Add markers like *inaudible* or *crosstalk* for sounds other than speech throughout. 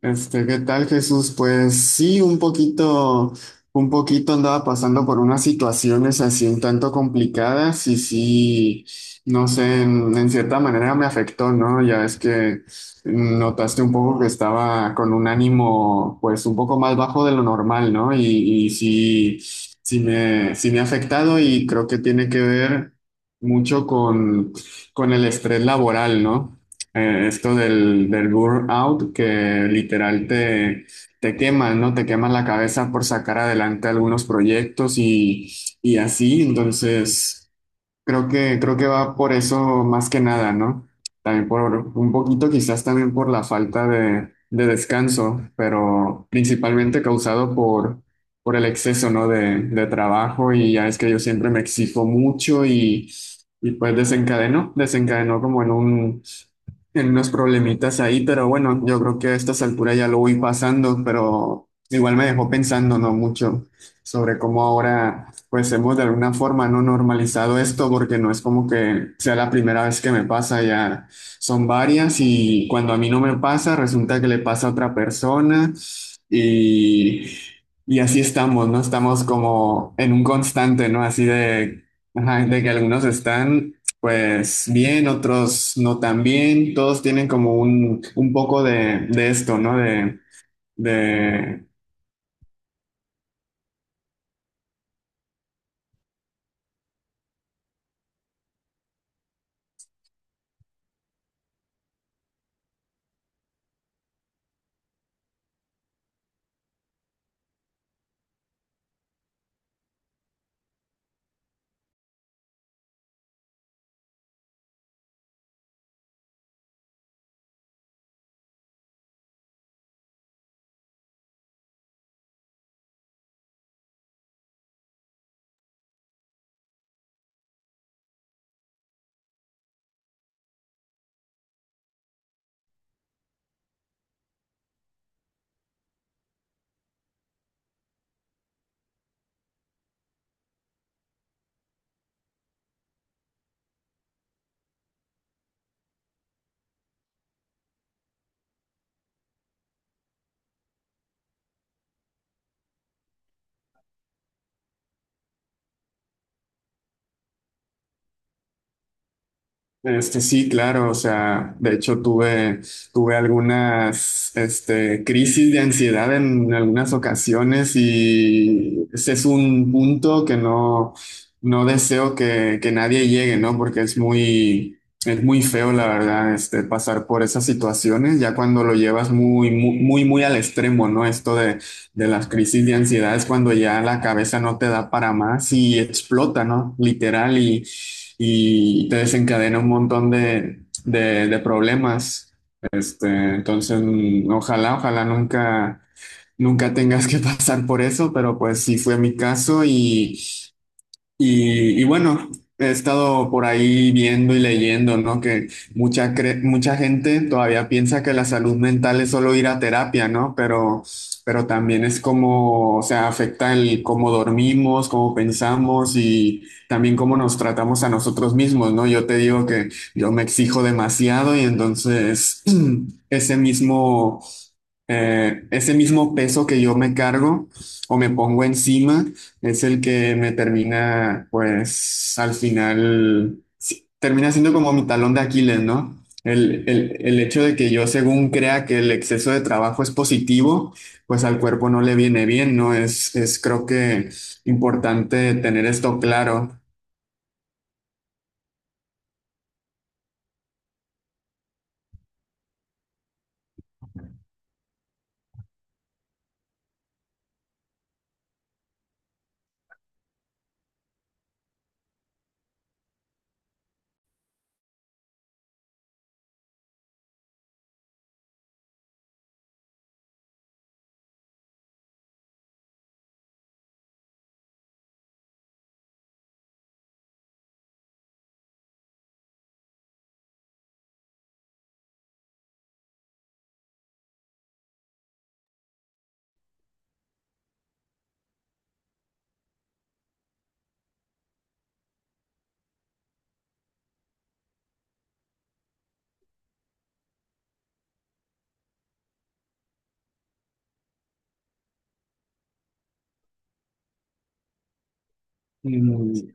¿Qué tal, Jesús? Pues sí, un poquito andaba pasando por unas situaciones así un tanto complicadas y sí, no sé, en cierta manera me afectó, ¿no? Ya es que notaste un poco que estaba con un ánimo, pues un poco más bajo de lo normal, ¿no? Y sí, sí me ha afectado y creo que tiene que ver mucho con el estrés laboral, ¿no? Esto del burnout que literal te quema, ¿no? Te quema la cabeza por sacar adelante algunos proyectos y así. Entonces, creo que va por eso más que nada, ¿no? También por un poquito, quizás también por la falta de descanso, pero principalmente causado por el exceso, ¿no? De trabajo y ya es que yo siempre me exijo mucho y pues desencadenó como en un en unos problemitas ahí, pero bueno, yo creo que a estas alturas ya lo voy pasando, pero igual me dejó pensando, ¿no? Mucho sobre cómo ahora, pues hemos de alguna forma no normalizado esto, porque no es como que sea la primera vez que me pasa, ya son varias y cuando a mí no me pasa, resulta que le pasa a otra persona y, y así estamos, ¿no? Estamos como en un constante, ¿no? Así de... Ajá, de que algunos están pues bien, otros no tan bien, todos tienen como un poco de esto, ¿no? de. Sí, claro, o sea, de hecho tuve algunas, este, crisis de ansiedad en algunas ocasiones y ese es un punto que no deseo que nadie llegue, ¿no? Porque es es muy feo, la verdad, este, pasar por esas situaciones, ya cuando lo llevas muy, muy, muy, muy al extremo, ¿no? Esto de las crisis de ansiedad es cuando ya la cabeza no te da para más y explota, ¿no? Literal y te desencadena un montón de problemas. Entonces ojalá nunca tengas que *laughs* pasar por eso, pero pues sí fue mi caso y, y bueno, he estado por ahí viendo y leyendo, ¿no? Que mucha gente todavía piensa que la salud mental es solo ir a terapia, ¿no? Pero también es como, o sea, afecta el cómo dormimos, cómo pensamos y también cómo nos tratamos a nosotros mismos, ¿no? Yo te digo que yo me exijo demasiado y entonces *clears throat* ese mismo, ese mismo peso que yo me cargo o me pongo encima. Es el que me termina, pues al final, sí, termina siendo como mi talón de Aquiles, ¿no? El hecho de que yo según crea que el exceso de trabajo es positivo, pues al cuerpo no le viene bien, ¿no? Es creo que importante tener esto claro. Mm.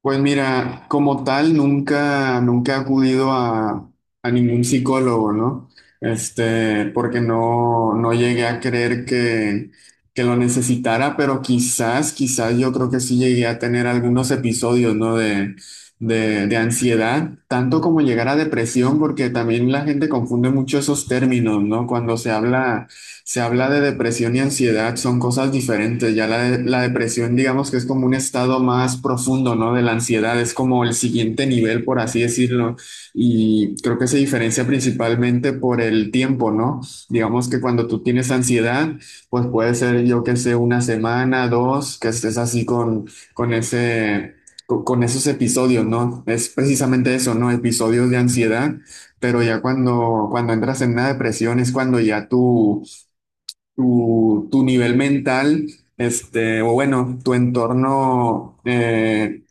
Pues mira, como tal, nunca he acudido a ningún psicólogo, ¿no? Porque no llegué a creer que lo necesitara, pero quizás yo creo que sí llegué a tener algunos episodios, ¿no? De ansiedad, tanto como llegar a depresión, porque también la gente confunde mucho esos términos, ¿no? Cuando se habla Se habla de depresión y ansiedad, son cosas diferentes. La depresión, digamos que es como un estado más profundo, ¿no? De la ansiedad, es como el siguiente nivel, por así decirlo. Y creo que se diferencia principalmente por el tiempo, ¿no? Digamos que cuando tú tienes ansiedad, pues puede ser, yo que sé, una semana, dos, que estés así con ese, con esos episodios, ¿no? Es precisamente eso, ¿no? Episodios de ansiedad. Pero ya cuando entras en una depresión es cuando ya tú tu, tu nivel mental, este, o bueno, tu entorno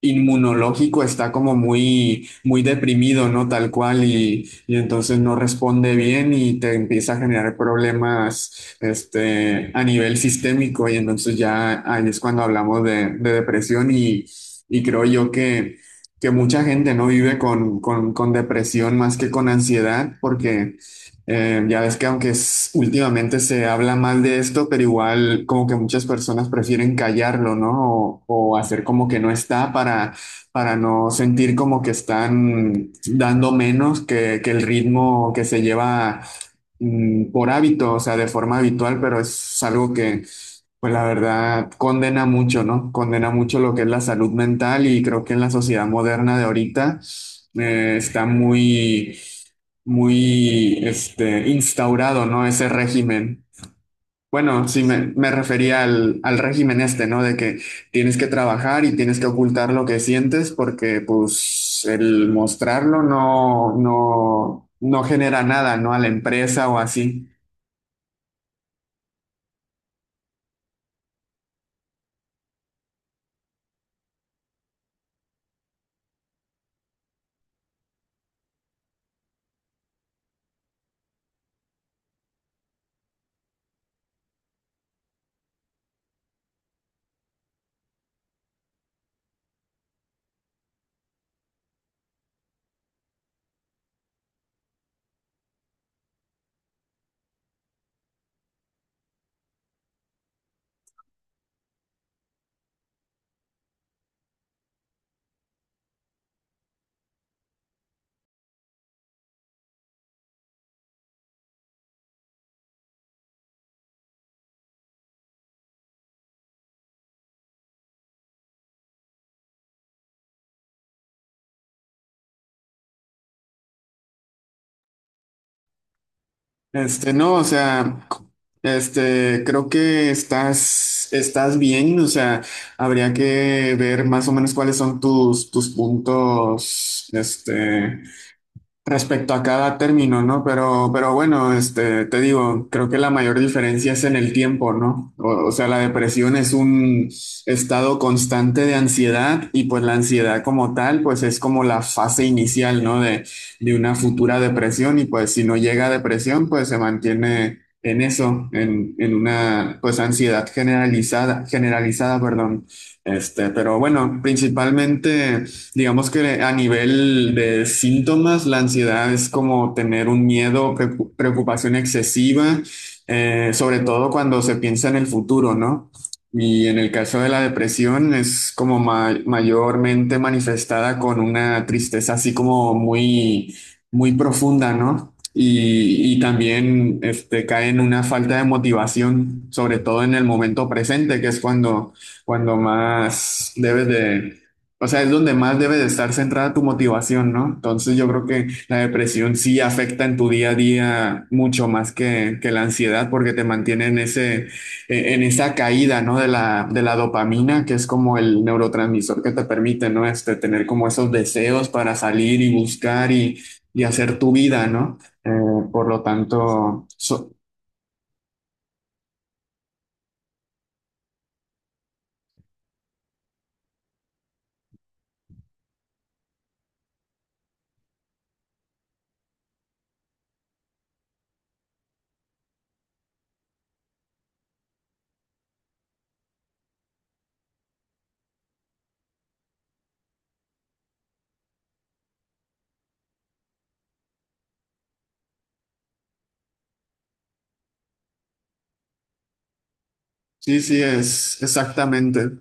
inmunológico está como muy, muy deprimido, ¿no? Tal cual, y entonces no responde bien y te empieza a generar problemas, este, a nivel sistémico, y entonces ya ahí es cuando hablamos de depresión y creo yo que mucha gente no vive con depresión más que con ansiedad, porque ya ves que aunque es- últimamente se habla mal de esto, pero igual como que muchas personas prefieren callarlo, ¿no? O hacer como que no está para no sentir como que están dando menos que el ritmo que se lleva por hábito, o sea, de forma habitual, pero es algo que, pues la verdad, condena mucho, ¿no? Condena mucho lo que es la salud mental y creo que en la sociedad moderna de ahorita está muy este, instaurado, ¿no? Ese régimen. Bueno, me refería al régimen este, ¿no? De que tienes que trabajar y tienes que ocultar lo que sientes porque pues el mostrarlo no genera nada, ¿no? A la empresa o así. No, o sea, este, creo que estás bien, o sea, habría que ver más o menos cuáles son tus puntos, este respecto a cada término, ¿no? Pero bueno, este, te digo, creo que la mayor diferencia es en el tiempo, ¿no? O sea, la depresión es un estado constante de ansiedad y pues la ansiedad como tal, pues es como la fase inicial, ¿no? De una futura depresión y pues si no llega a depresión, pues se mantiene en eso, en una pues ansiedad generalizada, generalizada, perdón. Este, pero bueno, principalmente... Digamos que a nivel de síntomas, la ansiedad es como tener un miedo, preocupación excesiva, sobre todo cuando se piensa en el futuro, ¿no? Y en el caso de la depresión es como mayormente manifestada con una tristeza así como muy, muy profunda, ¿no? Y también este, cae en una falta de motivación, sobre todo en el momento presente, que es cuando, cuando más debes de o sea, es donde más debe de estar centrada tu motivación, ¿no? Entonces yo creo que la depresión sí afecta en tu día a día mucho más que la ansiedad porque te mantiene en ese, en esa caída, ¿no? De la dopamina, que es como el neurotransmisor que te permite, ¿no? Este, tener como esos deseos para salir y buscar y hacer tu vida, ¿no? Eh, por lo tanto, so- Sí, sí, es exactamente.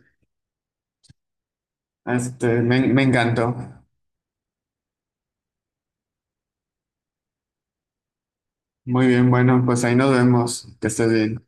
Me encantó. Muy bien, bueno, pues ahí nos vemos. Que estés bien.